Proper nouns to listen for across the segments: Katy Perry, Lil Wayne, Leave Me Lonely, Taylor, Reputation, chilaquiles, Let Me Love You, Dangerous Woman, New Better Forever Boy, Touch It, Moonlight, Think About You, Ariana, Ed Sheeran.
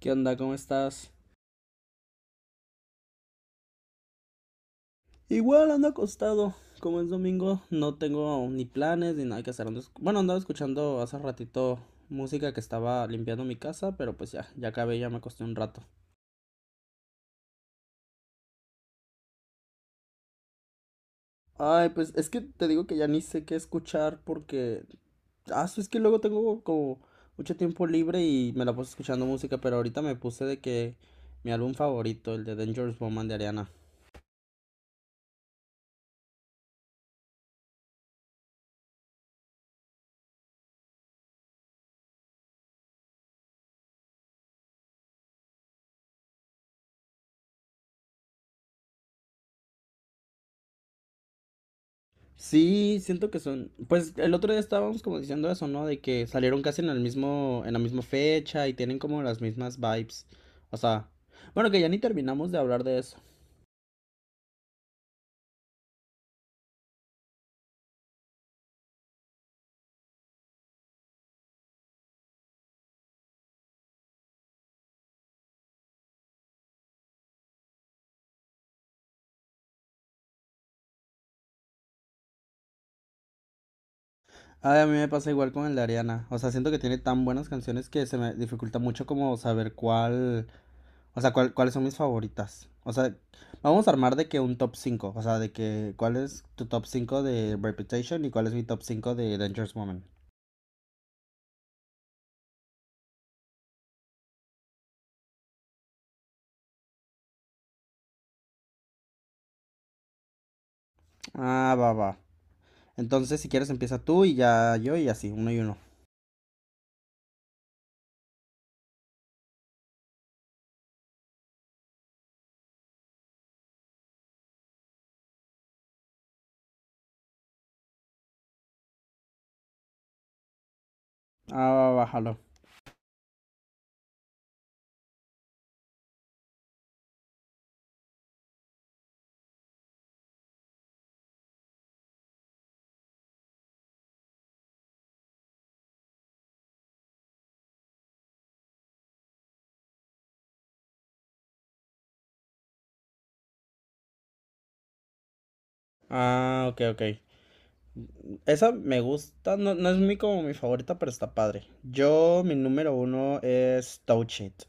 ¿Qué onda? ¿Cómo estás? Igual ando acostado. Como es domingo, no tengo ni planes ni nada que hacer. Andaba escuchando hace ratito música que estaba limpiando mi casa, pero pues ya, ya acabé, ya me acosté un rato. Ay, pues es que te digo que ya ni sé qué escuchar porque... Ah, sí, es que luego tengo como mucho tiempo libre y me la puse escuchando música, pero ahorita me puse de que mi álbum favorito, el de Dangerous Woman de Ariana. Sí, siento que son, pues el otro día estábamos como diciendo eso, ¿no? De que salieron casi en el mismo, en la misma fecha y tienen como las mismas vibes. O sea, bueno, que ya ni terminamos de hablar de eso. Ay, a mí me pasa igual con el de Ariana. O sea, siento que tiene tan buenas canciones que se me dificulta mucho como saber cuál, o sea, cuál, cuáles son mis favoritas. O sea, vamos a armar de que un top cinco, o sea, de que cuál es tu top 5 de Reputation y cuál es mi top 5 de Dangerous Woman. Ah, va, va. Entonces, si quieres, empieza tú y ya yo y así, uno y uno. Ah, bájalo. Ah, ok, ok. Esa me gusta, no, no es muy como mi favorita, pero está padre. Yo, mi número uno es Touch It.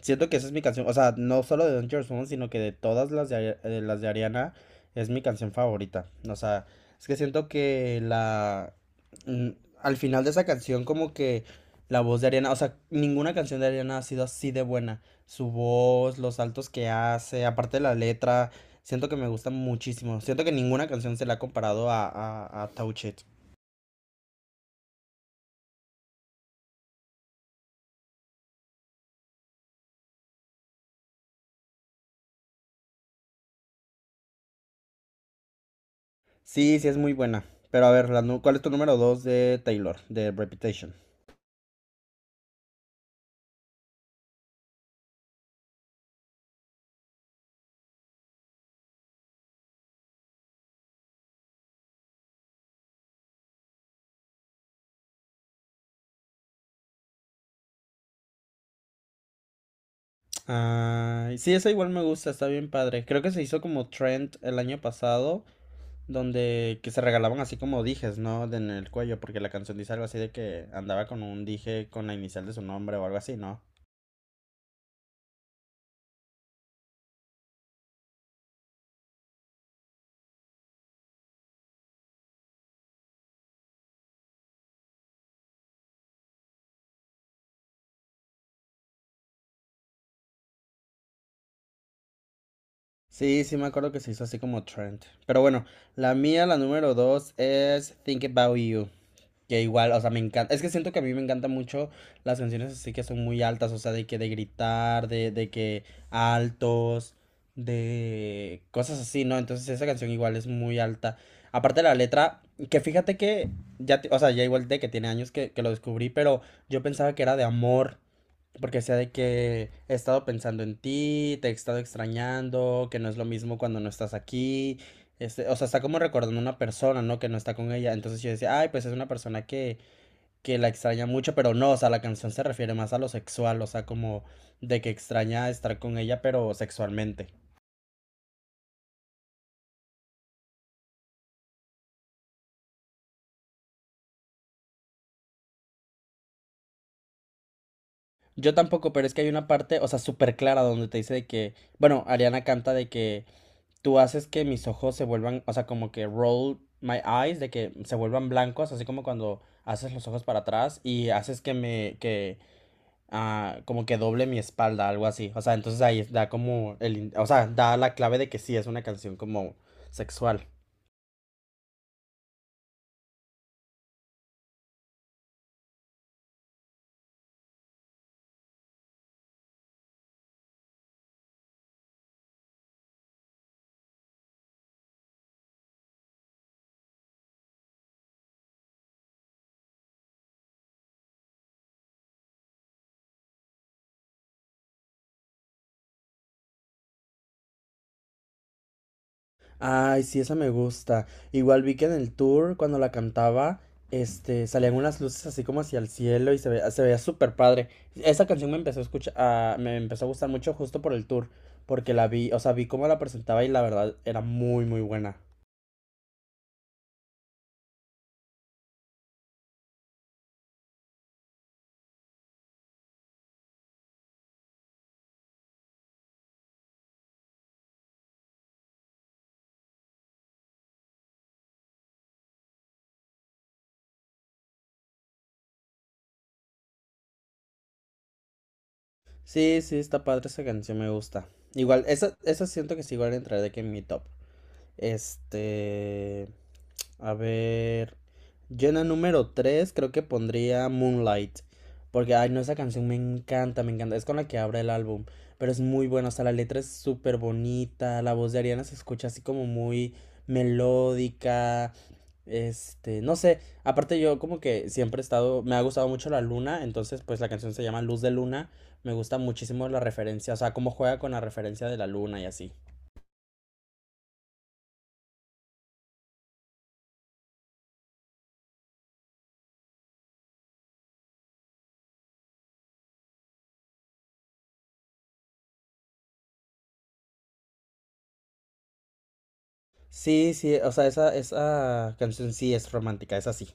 Siento que esa es mi canción, o sea, no solo de Don't Your sino que de todas las de Ariana, es mi canción favorita. O sea, es que siento que la... mm, Al final de esa canción, como que la voz de Ariana, o sea, ninguna canción de Ariana ha sido así de buena. Su voz, los saltos que hace, aparte de la letra. Siento que me gusta muchísimo. Siento que ninguna canción se la ha comparado a Touch It. Sí, sí es muy buena. Pero a ver, ¿cuál es tu número 2 de Taylor, de Reputation? Ay, sí, esa igual me gusta, está bien padre. Creo que se hizo como trend el año pasado, donde que se regalaban así como dijes, ¿no? De en el cuello, porque la canción dice algo así de que andaba con un dije con la inicial de su nombre o algo así, ¿no? Sí, sí me acuerdo que se hizo así como trend. Pero bueno, la mía, la número 2 es Think About You. Que igual, o sea, me encanta. Es que siento que a mí me encantan mucho las canciones así que son muy altas, o sea, de que de gritar, de que altos, de cosas así, ¿no? Entonces esa canción igual es muy alta. Aparte de la letra, que fíjate que o sea, ya igual de que tiene años que lo descubrí, pero yo pensaba que era de amor. Porque sea de que he estado pensando en ti, te he estado extrañando, que no es lo mismo cuando no estás aquí. Este, o sea, está como recordando una persona, ¿no? Que no está con ella. Entonces yo decía, ay, pues es una persona que la extraña mucho, pero no, o sea, la canción se refiere más a lo sexual, o sea, como de que extraña estar con ella, pero sexualmente. Yo tampoco, pero es que hay una parte, o sea, súper clara donde te dice de que, bueno, Ariana canta de que tú haces que mis ojos se vuelvan, o sea, como que roll my eyes, de que se vuelvan blancos, así como cuando haces los ojos para atrás y haces ah, como que doble mi espalda, algo así. O sea, entonces ahí da como o sea, da la clave de que sí es una canción como sexual. Ay, sí, esa me gusta. Igual vi que en el tour, cuando la cantaba, este, salían unas luces así como hacia el cielo y se veía súper padre. Esa canción me empezó a gustar mucho justo por el tour, porque la vi, o sea, vi cómo la presentaba y la verdad era muy, muy buena. Sí, sí, está padre esa canción, me gusta. Igual, esa siento que sí igual entraré de que en mi top. Este. A ver. Yo en la número 3 creo que pondría Moonlight. Porque, ay, no, esa canción me encanta, me encanta. Es con la que abre el álbum. Pero es muy buena, o sea, la letra es súper bonita. La voz de Ariana se escucha así como muy melódica. Este, no sé. Aparte, yo como que siempre he estado. Me ha gustado mucho la luna. Entonces, pues la canción se llama Luz de Luna. Me gusta muchísimo la referencia. O sea, cómo juega con la referencia de la luna y así. Sí, sí, o sea, esa canción sí es romántica, esa sí.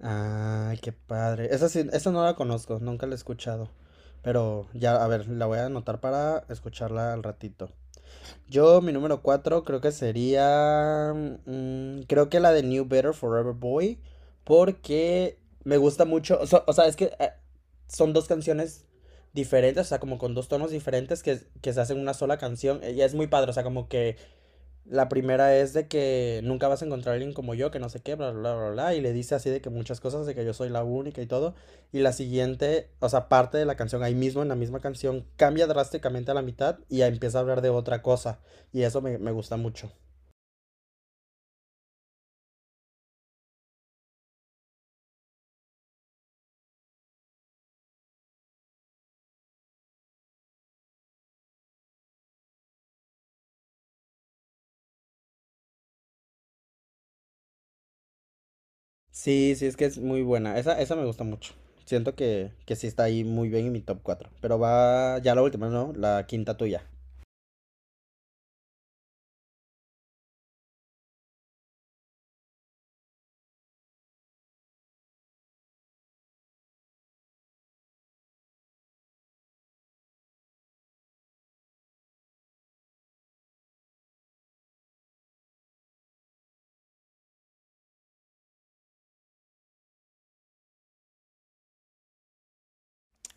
Ay, qué padre. Esa sí, esa no la conozco, nunca la he escuchado. Pero ya, a ver, la voy a anotar para escucharla al ratito. Yo, mi número 4 creo que sería... creo que la de New Better Forever Boy. Porque me gusta mucho. O sea, es que son dos canciones diferentes, o sea, como con dos tonos diferentes que se hacen una sola canción. Y es muy padre, o sea, como que la primera es de que nunca vas a encontrar a alguien como yo, que no sé qué, bla, bla, bla, bla, y le dice así de que muchas cosas, de que yo soy la única y todo. Y la siguiente, o sea, parte de la canción, ahí mismo en la misma canción, cambia drásticamente a la mitad y ya empieza a hablar de otra cosa. Y eso me gusta mucho. Sí, sí, es que es muy buena. Esa me gusta mucho. Siento que sí está ahí muy bien en mi top cuatro. Pero va ya la última, ¿no? La quinta tuya.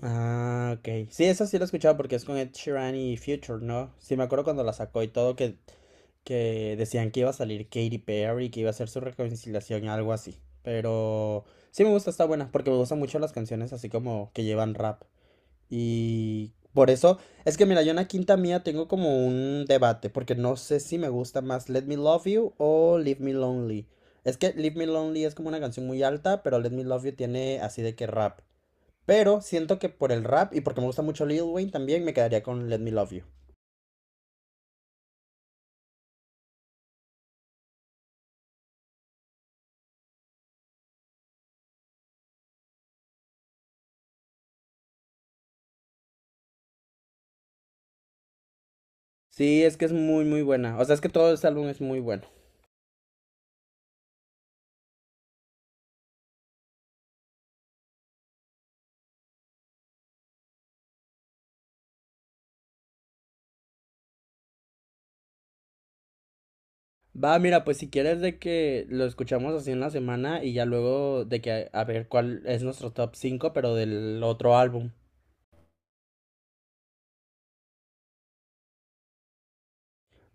Ah, ok. Sí, esa sí la he escuchado porque es con Ed Sheeran y Future, ¿no? Sí, me acuerdo cuando la sacó y todo que decían que iba a salir Katy Perry, que iba a ser su reconciliación, algo así. Pero sí me gusta, está buena, porque me gustan mucho las canciones así como que llevan rap. Y por eso, es que mira, yo en la quinta mía tengo como un debate, porque no sé si me gusta más Let Me Love You o Leave Me Lonely. Es que Leave Me Lonely es como una canción muy alta, pero Let Me Love You tiene así de que rap. Pero siento que por el rap y porque me gusta mucho Lil Wayne también me quedaría con Let Me Love You. Sí, es que es muy, muy buena. O sea, es que todo este álbum es muy bueno. Va, mira, pues si quieres de que lo escuchamos así en la semana y ya luego de que a ver cuál es nuestro top cinco pero del otro álbum.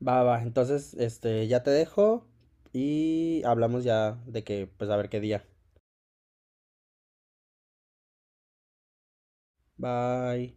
Va, va, entonces, este, ya te dejo y hablamos ya de que, pues a ver qué día. Bye.